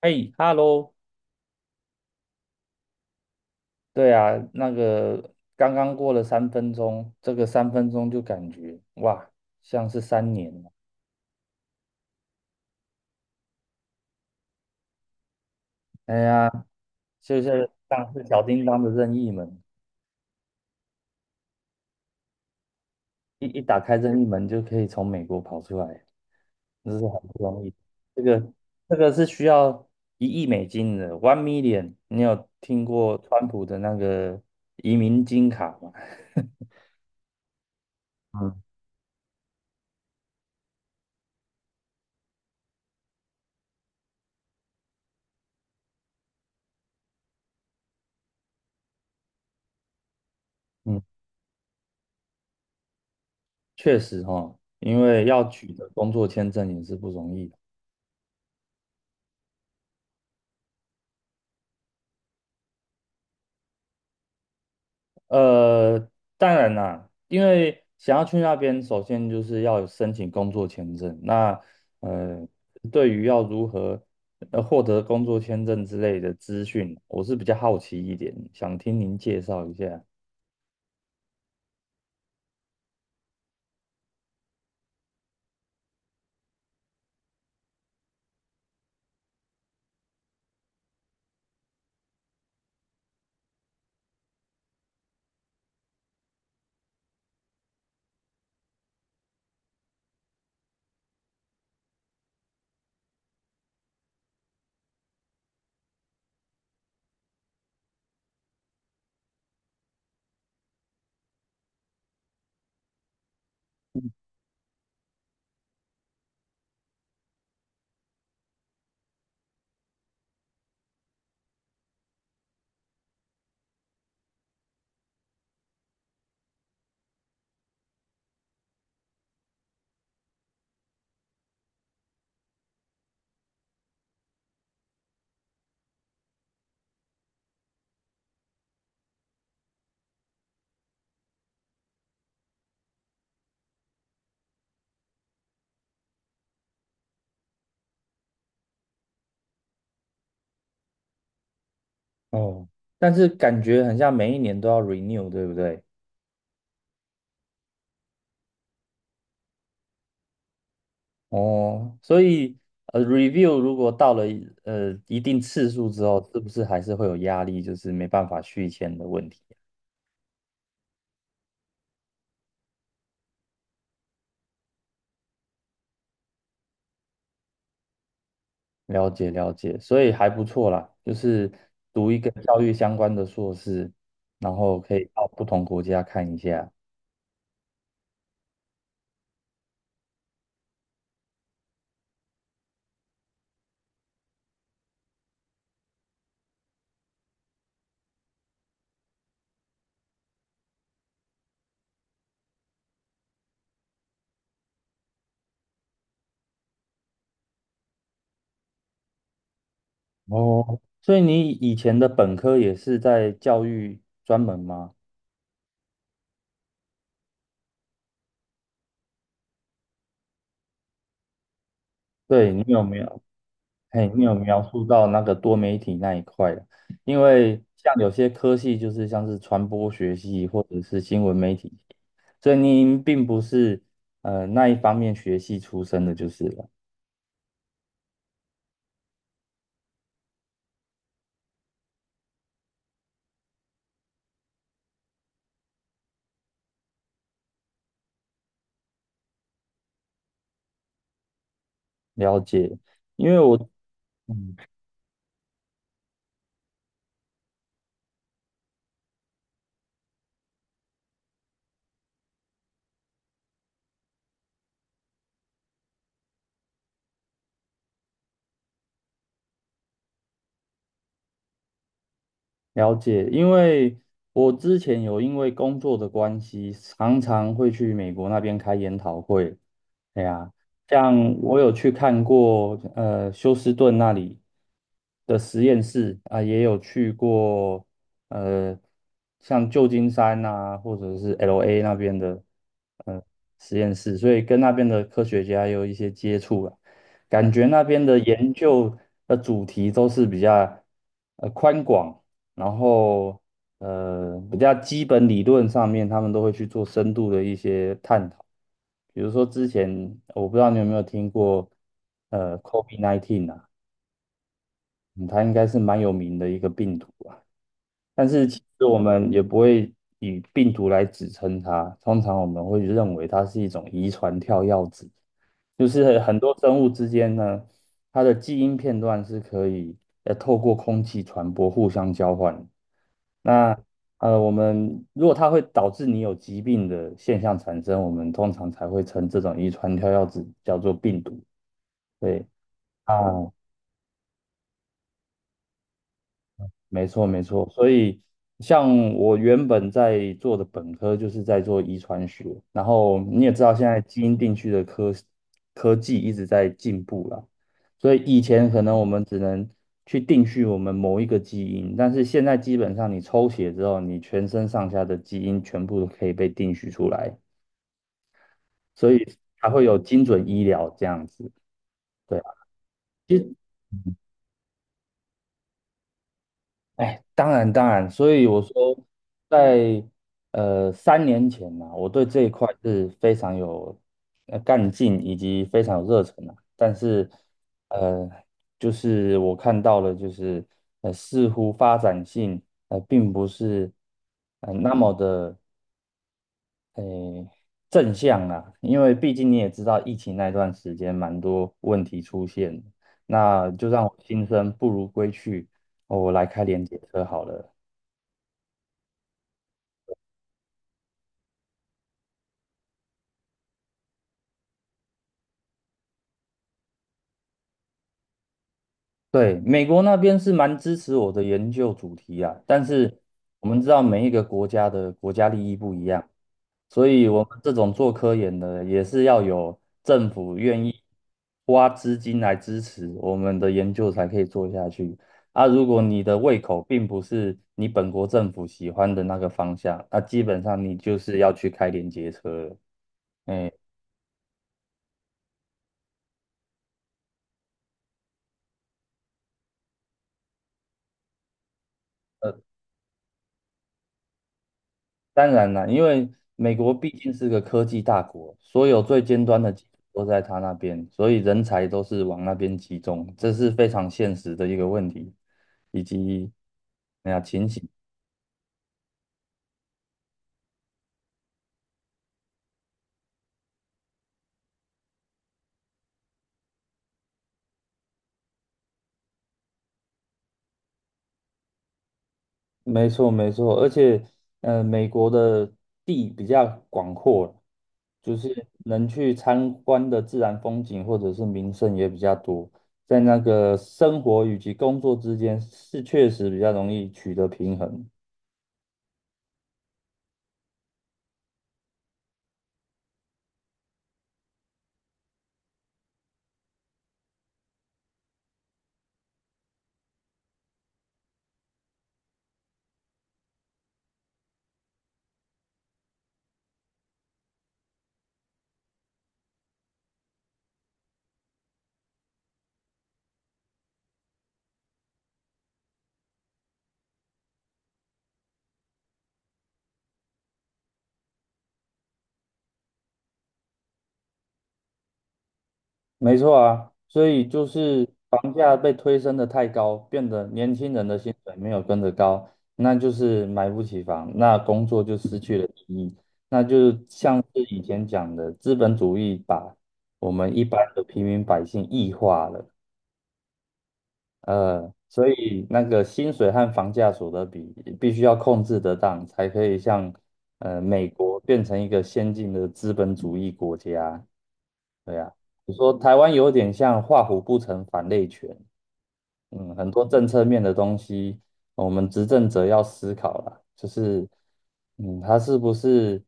哎，Hello，对啊，那个刚刚过了三分钟，这个三分钟就感觉哇，像是三年了。哎呀，就是像是小叮当的任意门，打开任意门就可以从美国跑出来，这是很不容易。这个这个是需要1亿美金的，$1,000,000。你有听过川普的那个移民金卡吗？嗯嗯，确实哈，因为要取得工作签证也是不容易。呃，当然啦，因为想要去那边，首先就是要有申请工作签证。那呃，对于要如何获得工作签证之类的资讯，我是比较好奇一点，想听您介绍一下。哦，但是感觉很像每一年都要 renew，对不对？哦，所以review 如果到了一定次数之后，是不是还是会有压力，就是没办法续签的问题？了解了解，所以还不错啦，就是读一个教育相关的硕士，然后可以到不同国家看一下。哦，所以你以前的本科也是在教育专门吗？对，你有没有？嘿，你有描述到那个多媒体那一块的？因为像有些科系就是像是传播学系或者是新闻媒体，所以您并不是那一方面学系出身的，就是了。了解，因为我。了解，因为我之前有因为工作的关系，常常会去美国那边开研讨会。哎呀，像我有去看过，休斯顿那里的实验室啊，也有去过，呃，像旧金山啊，或者是 LA 那边的，呃，实验室，所以跟那边的科学家有一些接触啊，感觉那边的研究的主题都是比较，宽广。然后比较基本理论上面，他们都会去做深度的一些探讨。比如说之前我不知道你有没有听过，COVID-19 啊，嗯它应该是蛮有名的一个病毒。啊。但是其实我们也不会以病毒来指称它，通常我们会认为它是一种遗传跳药子，就是很多生物之间呢，它的基因片段是可以透过空气传播互相交换。那我们如果它会导致你有疾病的现象产生，我们通常才会称这种遗传跳药子叫做病毒。对啊，没错，没错。所以，像我原本在做的本科就是在做遗传学，然后你也知道，现在基因定序的科技一直在进步了。所以以前可能我们只能去定序我们某一个基因，但是现在基本上你抽血之后，你全身上下的基因全部都可以被定序出来，所以才会有精准医疗这样子。对啊，其实。哎，当然当然，所以我说在，呃3年前呢、我对这一块是非常有干劲以及非常有热忱的。但是，呃，就是我看到了，就是似乎发展性并不是那么的呃正向啊，因为毕竟你也知道，疫情那段时间蛮多问题出现的，那就让我心生不如归去，哦我来开联结车好了。对，美国那边是蛮支持我的研究主题啊，但是我们知道每一个国家的国家利益不一样，所以我们这种做科研的也是要有政府愿意花资金来支持我们的研究才可以做下去。啊，如果你的胃口并不是你本国政府喜欢的那个方向，那基本上你就是要去开连接车了。哎，当然了，因为美国毕竟是个科技大国，所有最尖端的技术都在他那边，所以人才都是往那边集中，这是非常现实的一个问题，以及哎呀情形。没错，没错，而且美国的地比较广阔，就是能去参观的自然风景或者是名胜也比较多，在那个生活以及工作之间是确实比较容易取得平衡。没错啊，所以就是房价被推升的太高，变得年轻人的薪水没有跟着高，那就是买不起房，那工作就失去了意义。那就像是以前讲的，资本主义把我们一般的平民百姓异化了，所以那个薪水和房价所得比必须要控制得当，才可以像美国变成一个先进的资本主义国家。对呀，你说台湾有点像画虎不成反类犬，嗯，很多政策面的东西，我们执政者要思考啦，就是，嗯，他是不是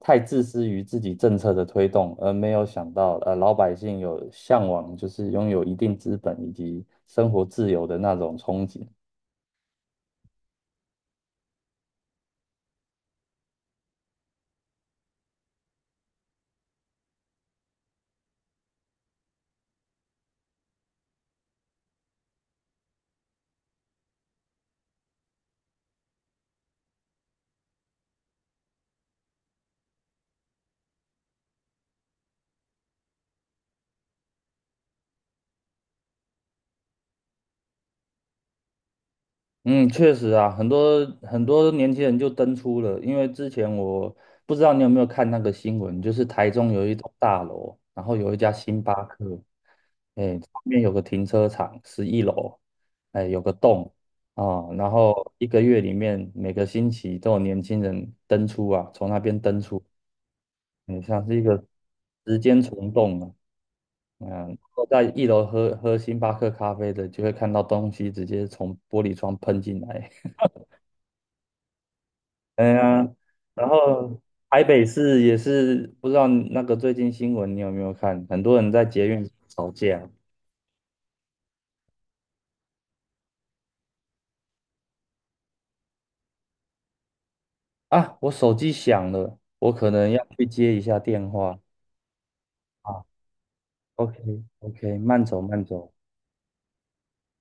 太自私于自己政策的推动，而没有想到，老百姓有向往，就是拥有一定资本以及生活自由的那种憧憬，嗯，确实啊，很多很多年轻人就登出了，因为之前我不知道你有没有看那个新闻，就是台中有一栋大楼，然后有一家星巴克，哎，旁边有个停车场，11楼，哎，有个洞啊，然后1个月里面每个星期都有年轻人登出啊，从那边登出，哎，像是一个时间虫洞啊，嗯，坐在一楼喝喝星巴克咖啡的，就会看到东西直接从玻璃窗喷进来。哎呀，然后台北市也是不知道那个最近新闻你有没有看？很多人在捷运吵架。啊！我手机响了，我可能要去接一下电话。啊。OK OK，慢走慢走。